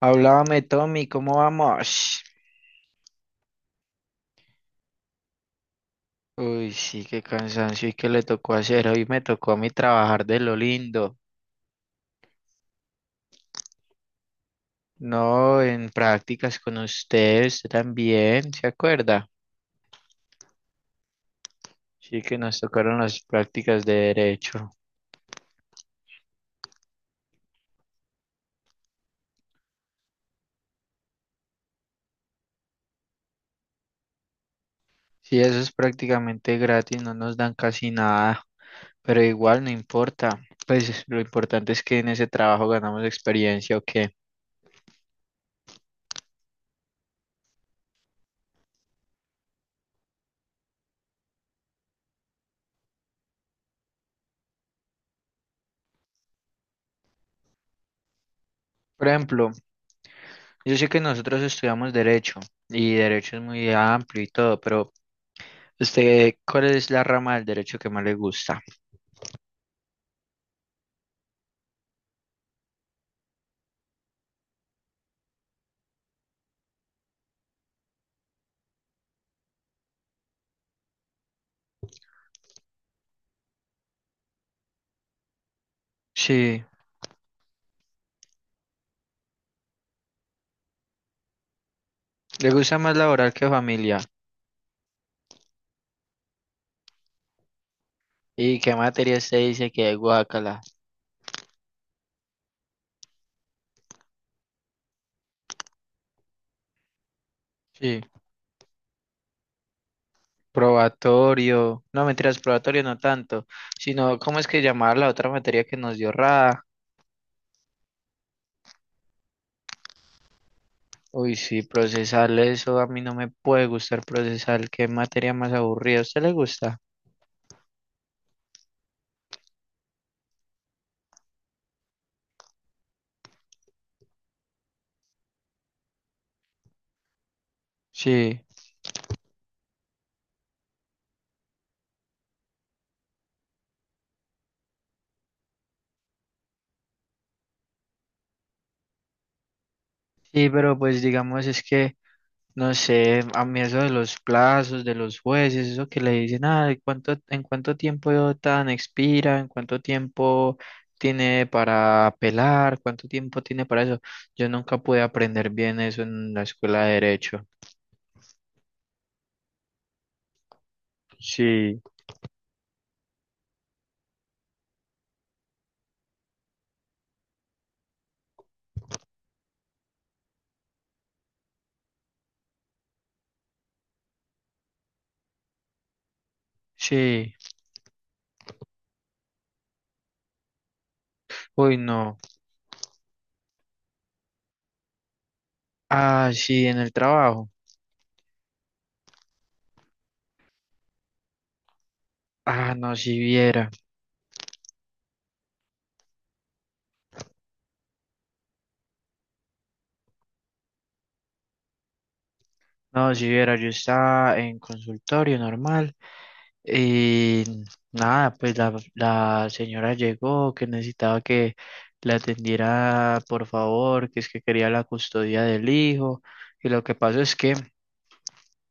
Hablábame, Tommy, ¿cómo vamos? Uy, sí, qué cansancio y qué le tocó hacer. Hoy me tocó a mí trabajar de lo lindo. No, en prácticas con usted, usted también, ¿se acuerda? Sí, que nos tocaron las prácticas de derecho. Sí, eso es prácticamente gratis, no nos dan casi nada, pero igual no importa. Pues lo importante es que en ese trabajo ganamos experiencia o qué. Por ejemplo, yo sé que nosotros estudiamos derecho y derecho es muy amplio y todo, pero usted, ¿cuál es la rama del derecho que más le gusta? Sí, le gusta más laboral que familia. ¿Y qué materia usted dice que es guácala? Sí, probatorio. No, mentiras, probatorio no tanto, sino ¿cómo es que llamar la otra materia que nos dio Rada? Uy, sí, procesal, eso a mí no me puede gustar procesal. ¿Qué materia más aburrida? ¿A usted le gusta? Sí. Sí, pero pues digamos es que, no sé, a mí eso de los plazos, de los jueces, eso que le dicen, ah, en cuánto tiempo tan expira? ¿En cuánto tiempo tiene para apelar? ¿Cuánto tiempo tiene para eso? Yo nunca pude aprender bien eso en la escuela de derecho. Sí, sí, uy, no. Ah, sí, en el trabajo. Ah, no, si viera. No, si viera, yo estaba en consultorio normal. Y nada, pues la señora llegó, que necesitaba que la atendiera, por favor, que es que quería la custodia del hijo. Y lo que pasó es que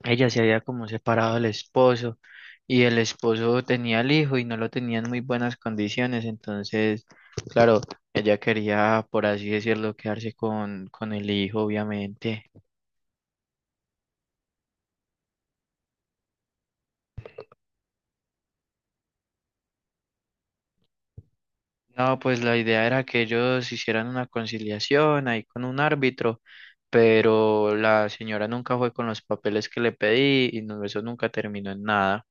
ella se había como separado del esposo y el esposo tenía el hijo y no lo tenía en muy buenas condiciones. Entonces, claro, ella quería, por así decirlo, quedarse con el hijo, obviamente. No, pues la idea era que ellos hicieran una conciliación ahí con un árbitro, pero la señora nunca fue con los papeles que le pedí y no, eso nunca terminó en nada.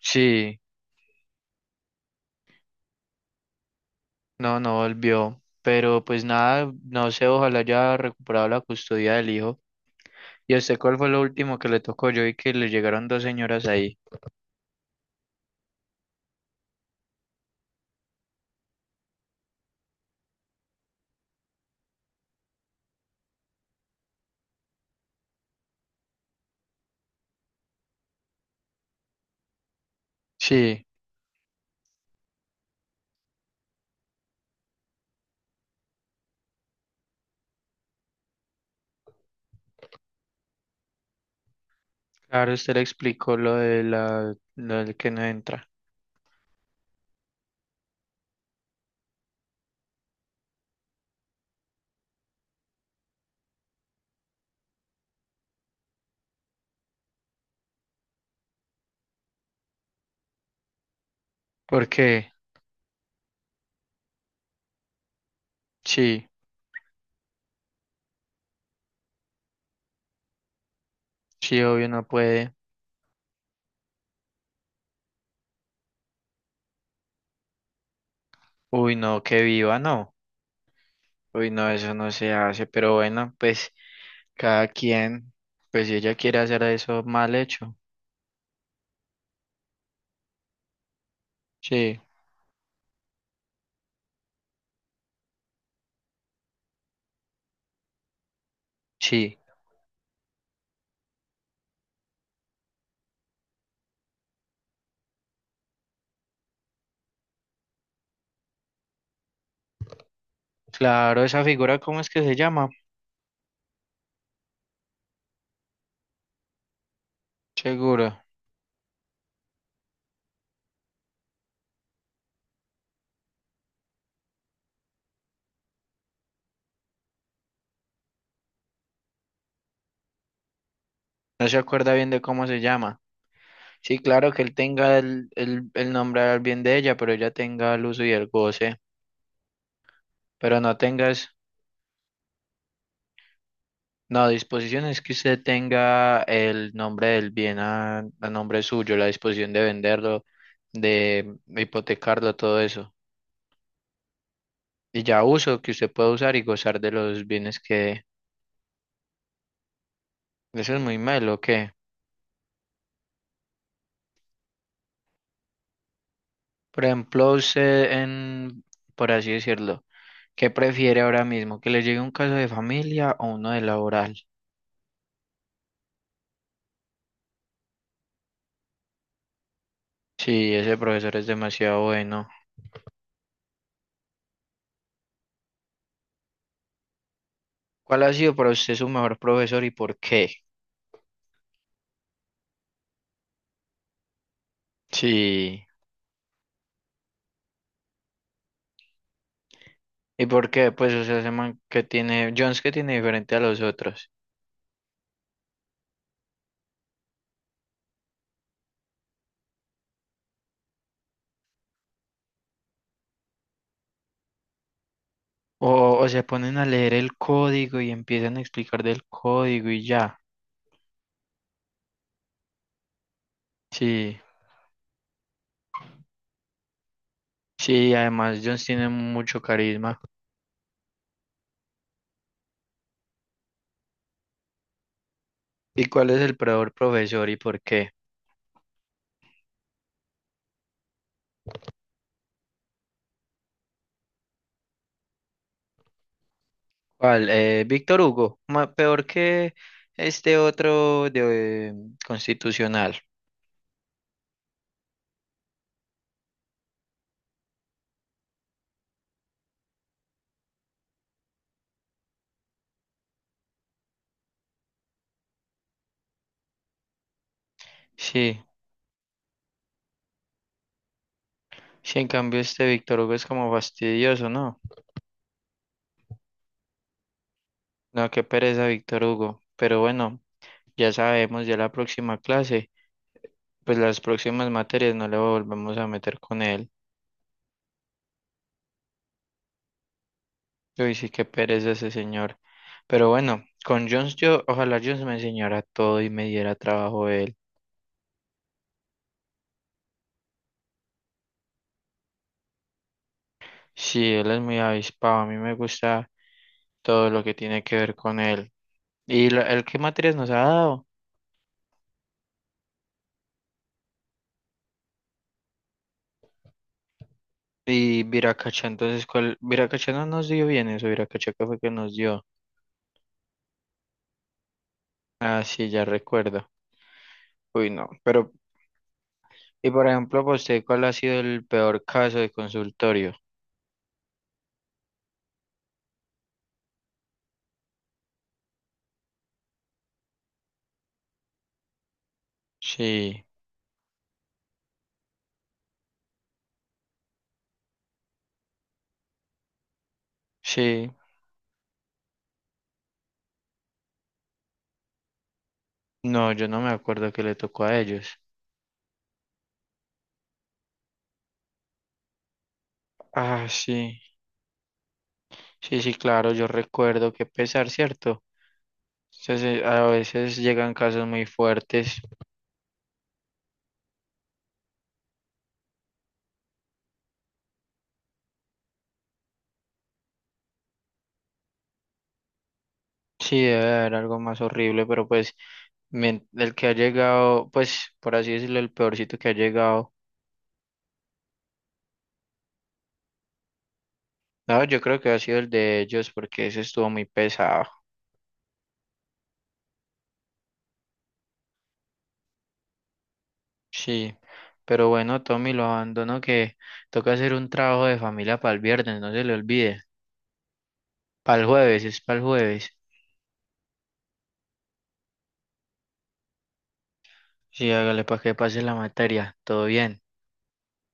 Sí, no, no volvió, pero pues nada, no sé, ojalá haya recuperado la custodia del hijo. ¿Y a usted cuál fue lo último que le tocó? Yo vi que le llegaron dos señoras ahí. Sí, claro, usted le explicó lo de la, lo del que no entra. ¿Por qué? Sí, sí, obvio no puede. Uy, no, que viva, no. Uy, no, eso no se hace, pero bueno, pues cada quien, pues si ella quiere hacer eso mal hecho. Sí, sí. Claro, esa figura, ¿cómo es que se llama? Seguro. No se acuerda bien de cómo se llama. Sí, claro que él tenga el nombre al bien de ella, pero ella tenga el uso y el goce. Pero no tengas, no, disposición es que usted tenga el nombre del bien a nombre suyo, la disposición de venderlo, de hipotecarlo, todo eso. Y ya uso que usted puede usar y gozar de los bienes que eso es muy malo que, por ejemplo, usted en, por así decirlo, ¿qué prefiere ahora mismo que le llegue un caso de familia o uno de laboral? Sí, ese profesor es demasiado bueno. ¿Cuál ha sido para usted su mejor profesor y por qué? Sí. ¿Y por qué? Pues o sea, ese man que tiene Jones que tiene diferente a los otros. O se ponen a leer el código y empiezan a explicar del código y ya. Sí. Sí, además Jones tiene mucho carisma. ¿Y cuál es el peor profesor y por qué? ¿Cuál? Víctor Hugo, ma- peor que este otro de constitucional. Sí, sí, en cambio este Víctor Hugo es como fastidioso, ¿no? No, qué pereza Víctor Hugo. Pero bueno, ya sabemos, ya la próxima clase, pues las próximas materias no le volvemos a meter con él. Uy, sí, qué pereza ese señor. Pero bueno, con Jones yo, ojalá Jones me enseñara todo y me diera trabajo él. Sí, él es muy avispado. A mí me gusta todo lo que tiene que ver con él. ¿Y lo- él qué materias nos ha dado? Y Viracacha, entonces, ¿cuál? Viracacha no nos dio bien eso. Viracacha que fue que nos dio. Ah, sí, ya recuerdo. Uy, no. Pero, y por ejemplo, para usted, ¿cuál ha sido el peor caso de consultorio? Sí, sí. No, yo no me acuerdo que le tocó a ellos. Ah, sí. Sí, sí, claro, yo recuerdo que pesar, ¿cierto? Entonces, a veces llegan casos muy fuertes. Sí, debe de haber algo más horrible, pero pues men- el que ha llegado, pues por así decirlo, el peorcito que ha llegado. No, yo creo que ha sido el de ellos porque ese estuvo muy pesado. Sí, pero bueno, Tommy, lo abandono que toca hacer un trabajo de familia para el viernes, no se le olvide. Para el jueves, es para el jueves. Sí, hágale para que pase la materia. Todo bien.